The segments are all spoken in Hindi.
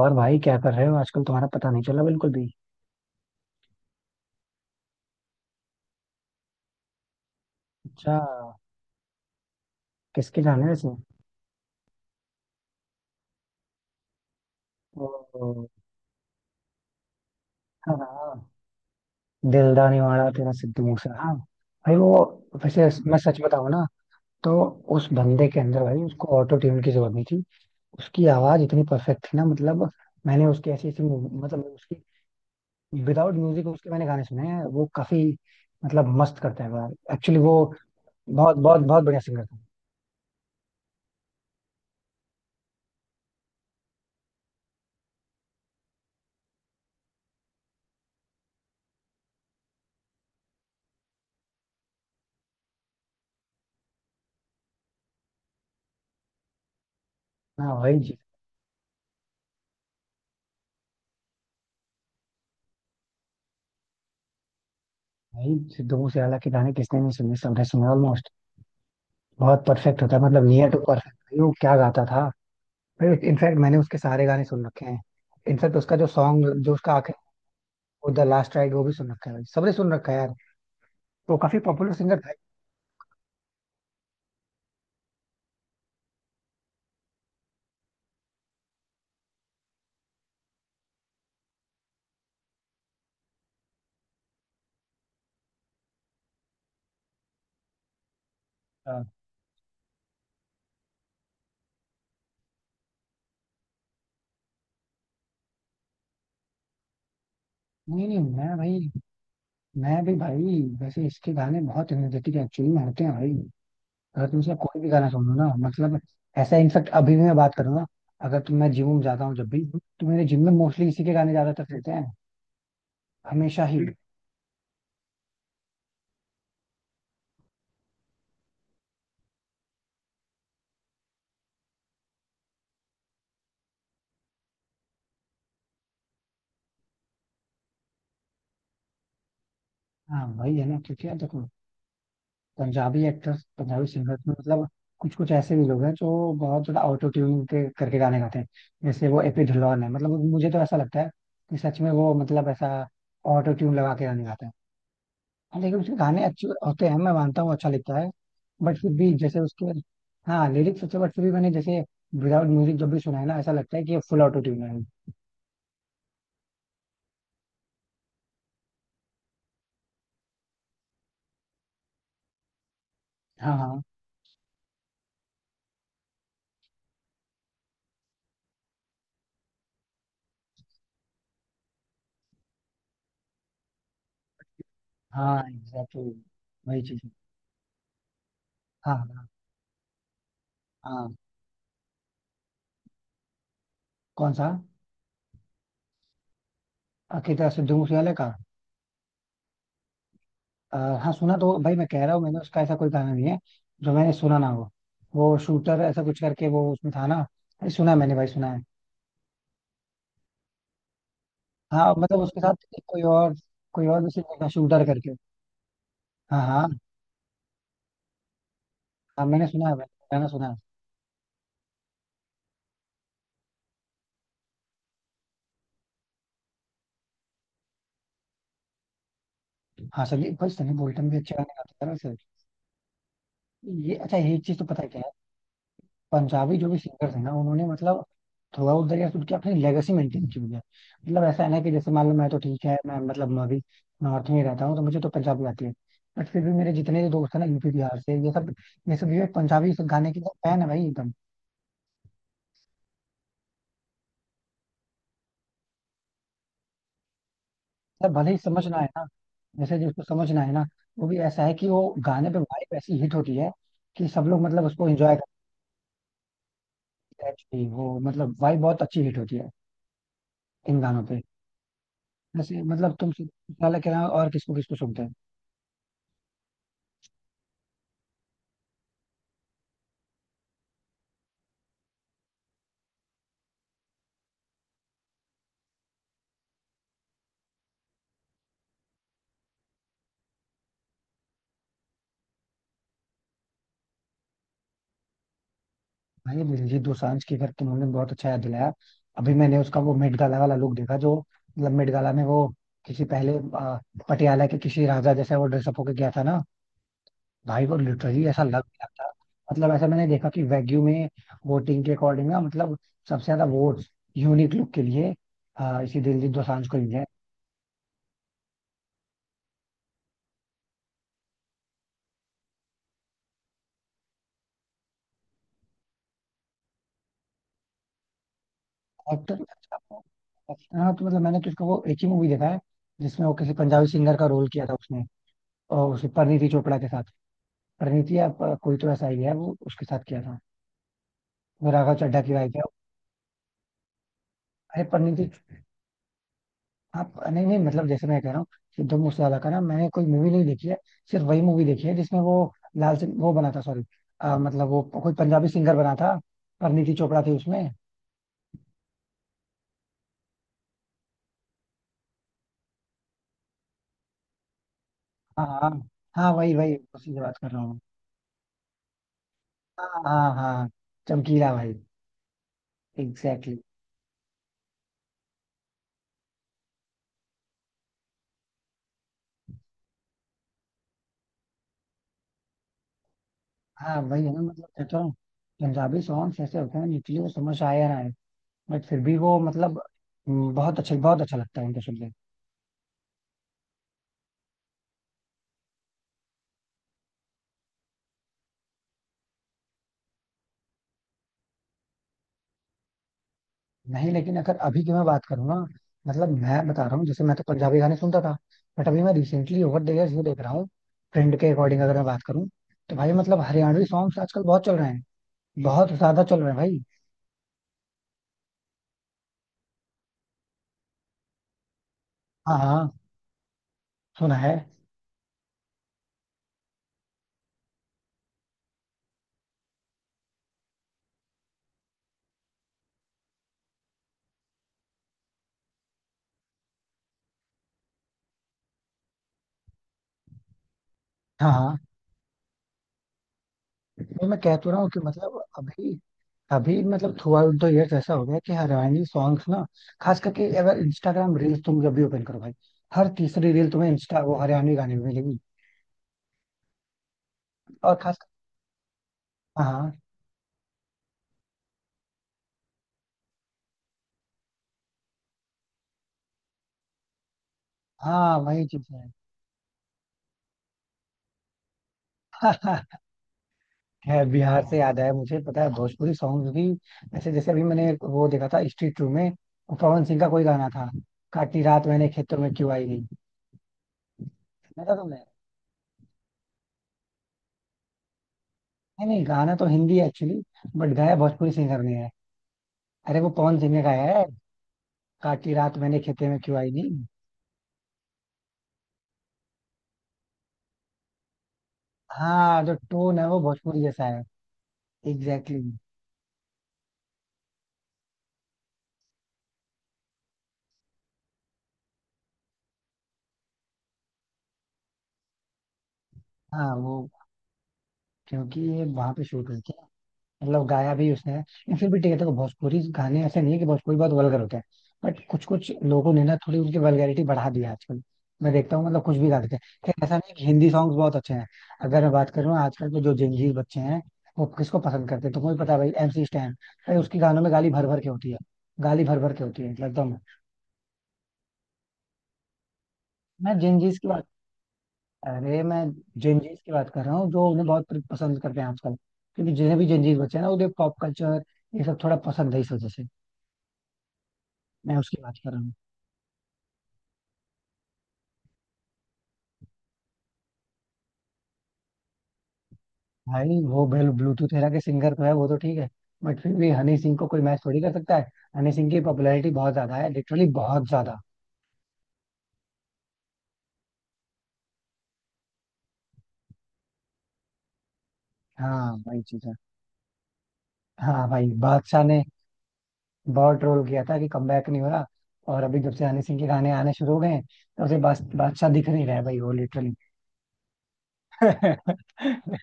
और भाई क्या कर रहे हो आजकल? तुम्हारा पता नहीं चला बिल्कुल भी। अच्छा, किसके जाने वैसे। ओ, हाँ हाँ, दिलदार निवाड़ा तेरा सिद्धू मूसा। हाँ भाई वो, वैसे मैं सच बताऊं ना तो उस बंदे के अंदर भाई, उसको ऑटो ट्यून की जरूरत नहीं थी। उसकी आवाज इतनी परफेक्ट थी ना, मतलब मैंने उसकी ऐसी ऐसी उसकी विदाउट म्यूजिक उसके मैंने गाने सुने हैं। वो काफी मतलब मस्त करता है यार। एक्चुअली वो बहुत बहुत बहुत बढ़िया सिंगर था। हाँ वही जी। भाई सिद्धू मूसेवाला के गाने किसने नहीं सुने? सबने सुने ऑलमोस्ट। बहुत परफेक्ट होता है, मतलब नियर टू परफेक्ट। भाई वो क्या गाता था! भाई इनफैक्ट मैंने उसके सारे गाने सुन रखे हैं। इनफैक्ट उसका जो सॉन्ग, जो उसका आखिरी वो द लास्ट राइड, वो भी सुन रखा है भाई। सबने सुन रखा है यार। वो काफी पॉपुलर सिंगर था। हाँ। नहीं नहीं मैं भाई, मैं भी भाई वैसे इसके गाने बहुत एनर्जेटिक एक्चुअली में होते हैं भाई। अगर तुम इसका कोई भी गाना सुनो ना, मतलब ऐसा इनफेक्ट अभी भी मैं बात करूँ ना, अगर तुम, मैं जिम में जाता हूँ जब भी, तो मेरे जिम में मोस्टली इसी के गाने ज्यादातर चलते हैं, हमेशा ही। हाँ वही है ना, क्योंकि यार देखो पंजाबी एक्टर्स पंजाबी सिंगर्स में मतलब कुछ कुछ ऐसे भी लोग हैं जो बहुत ज्यादा ऑटो ट्यूनिंग के करके गाने गाते हैं। जैसे वो एपी ढिल्लों है, मतलब मुझे तो ऐसा लगता है कि सच में वो मतलब ऐसा ऑटो ट्यून लगा के गाने गाते हैं। हाँ, लेकिन उसके गाने अच्छे होते हैं, मैं मानता हूँ अच्छा लिखता है। बट फिर भी जैसे उसके, हाँ लिरिक्स अच्छे, बट फिर भी मैंने जैसे विदाउट म्यूजिक जब भी सुना है ना, ऐसा लगता है कि ये फुल ऑटो ट्यून है। हाँ हाँ। हाँ एग्जैक्टली, वही चीज। हाँ हाँ हाँ। कौन सा? अकेता सिद्धू मूसेवाला का? अ, हाँ सुना तो, भाई मैं कह रहा हूँ मैंने उसका ऐसा कोई गाना नहीं है जो मैंने सुना ना हो। वो शूटर ऐसा कुछ करके वो उसमें था ना, अरे सुना है मैंने भाई, सुना है। हाँ मतलब उसके साथ एक कोई और, कोई और भी सिंगर था शूटर करके। हाँ हाँ हाँ, मैंने सुना है भाई, गाना सुना है। हाँ संदीप भाई, सनी बोल्टन भी अच्छे गाने गाते हैं यार वैसे। ये अच्छा, ये एक चीज तो पता है क्या है? पंजाबी जो भी सिंगर्स हैं ना, उन्होंने मतलब थ्रू आउट द ईयर्स उनकी अपनी लेगेसी मेंटेन की हुई है। मतलब ऐसा है ना कि जैसे मान लो, मैं तो ठीक है, मैं मतलब मैं भी नॉर्थ में रहता हूँ तो मुझे तो पंजाबी आती है, बट फिर भी मेरे जितने भी दोस्त हैं ना यूपी बिहार से, ये सब ये सब ये पंजाबी गाने के फैन है भाई, एकदम। मतलब भले ही समझ ना आए ना, जैसे जिसको समझ ना आए ना, वो भी ऐसा है कि वो गाने पे वाइब ऐसी हिट होती है कि सब लोग मतलब उसको एंजॉय करते हैं actually। वो मतलब वाइब बहुत अच्छी हिट होती है इन गानों पे। जैसे मतलब तुम सिर्फ के अलावा और किसको किसको सुनते हो? भाई दिलजीत दोसांझ की, अगर तुमने, बहुत अच्छा याद दिलाया। अभी मैंने उसका वो मेट गाला वाला लुक देखा जो, मतलब मेट गाला में वो किसी पहले पटियाला के किसी राजा जैसा वो ड्रेसअप होके गया था ना। भाई वो लिटरली ऐसा लग रहा था, मतलब ऐसा मैंने देखा कि वैग्यू में वोटिंग के अकॉर्डिंग ना, मतलब सबसे ज्यादा वोट यूनिक लुक के लिए इसी दिलजीत दोसांझ को मिले। एक्टर, हाँ तो मतलब मैंने तो इसका वो एक ही मूवी देखा है, जिसमें वो किसी पंजाबी सिंगर का रोल किया था उसने, और उसे परिणीति चोपड़ा के साथ, परिणीति आप, कोई तो ऐसा ही है वो उसके साथ किया था। वो राघव चड्ढा की वाइफ है। अरे परिणीति आप नहीं नहीं, मतलब जैसे मैं कह रहा हूँ सिद्धू मूसेवाला का ना मैंने कोई मूवी नहीं देखी है। सिर्फ वही मूवी देखी है जिसमें वो लाल सिंह वो बना था, सॉरी, मतलब वो कोई पंजाबी सिंगर बना था, परिणीति चोपड़ा थी उसमें। हाँ हाँ हाँ, वही वही उसी से बात कर रहा हूँ। हाँ हाँ हाँ, चमकीला भाई, एग्जैक्टली exactly। हाँ वही है ना, मतलब कहता हूँ पंजाबी सॉन्ग्स ऐसे होते हैं निकले, वो समझ आया ना। बट फिर भी वो मतलब, बहुत अच्छा लगता है उनको सुन के। नहीं लेकिन अगर अभी की मैं बात करूँ ना, मतलब मैं बता रहा हूँ, जैसे मैं तो पंजाबी गाने सुनता था बट अभी मैं रिसेंटली ओवर द इयर्स ये देख रहा हूँ, ट्रेंड के अकॉर्डिंग अगर मैं बात करूँ तो भाई, मतलब हरियाणवी सॉन्ग्स आजकल बहुत चल रहे हैं। बहुत ज्यादा चल रहे हैं भाई। हाँ हाँ, सुना है। हाँ हाँ, तो मैं कह तो रहा हूँ कि मतलब अभी, अभी मतलब थ्रू आउट द इयर्स ऐसा हो गया कि हरियाणवी सॉन्ग्स ना, खास करके अगर इंस्टाग्राम रील्स तुम जब भी ओपन करो भाई, हर तीसरी रील तुम्हें इंस्टा वो हरियाणवी गाने में मिलेगी। और खास, हाँ हाँ वही चीज है। है बिहार से याद आया मुझे, पता है भोजपुरी सॉन्ग भी ऐसे, जैसे अभी मैंने वो देखा था स्ट्रीट टू में, वो पवन सिंह का कोई गाना था, काटी रात मैंने खेतों में क्यों आई नहीं, सुना था तुमने? नहीं नहीं, गाना तो हिंदी है एक्चुअली बट गाया भोजपुरी सिंगर ने है। अरे वो पवन सिंह ने गाया है, काटी रात मैंने खेते में क्यों आई नहीं। हाँ जो टोन है वो भोजपुरी जैसा है। Exactly exactly। हाँ वो क्योंकि ये वहां पे शूट हुई थी मतलब गाया भी उसने है लेकिन। फिर भी ठीक है, देखो भोजपुरी गाने ऐसे नहीं है कि भोजपुरी बहुत वल्गर होते हैं, बट कुछ कुछ लोगों ने ना थोड़ी उनकी वल्गैरिटी बढ़ा दी है आजकल। मैं देखता हूँ मतलब कुछ भी गा देते हैं। खैर, ऐसा नहीं है कि हिंदी सॉन्ग्स बहुत अच्छे हैं अगर मैं बात करूँ आजकल, तो जो जंजीर बच्चे हैं वो किसको पसंद करते हैं तुमको भी पता है भाई, एमसी स्टैन। भाई उसके गानों में गाली भर भर के होती है। गाली भर भर के होती है मतलब एकदम। मैं जंजीर की बात, अरे मैं जंजीर की बात कर रहा हूँ जो उन्हें बहुत पसंद करते हैं आजकल, क्योंकि जिन्हें भी जंजीर बच्चे हैं ना उन्हें पॉप कल्चर ये सब थोड़ा पसंद है इस वजह से। मैं उसकी बात कर रहा हूँ। भाई वो बेल ब्लूटूथ एरा के सिंगर तो है, वो तो ठीक है, बट फिर भी हनी सिंह को कोई मैच थोड़ी कर सकता है। हनी सिंह की पॉपुलैरिटी बहुत ज्यादा है, लिटरली बहुत ज्यादा। हाँ वही चीज है। हाँ भाई बादशाह ने बहुत ट्रोल किया था कि कमबैक नहीं हो रहा, और अभी जब से हनी सिंह के गाने आने शुरू हो गए हैं तब से बादशाह दिख नहीं रहा है भाई, वो लिटरली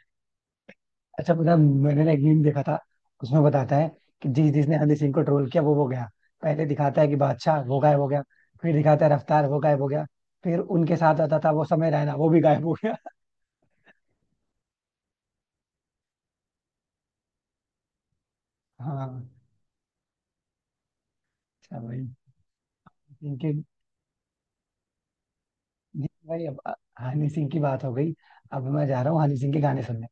अच्छा पता, मैंने ना एक मीम देखा था, उसमें बताता है कि जिस जिसने हनी सिंह को ट्रोल किया वो गया। पहले दिखाता है कि बादशाह वो गायब हो गया, फिर दिखाता है रफ्तार वो गायब हो गया, फिर उनके साथ आता था वो समय रैना, वो भी गायब हो गया। हाँ, अच्छा भाई इनके, भाई अब हनी सिंह की बात हो गई, अब मैं जा रहा हूँ हनी सिंह के गाने सुनने।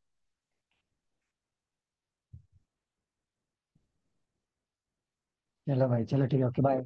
चलो भाई, चलो ठीक है, ओके बाय।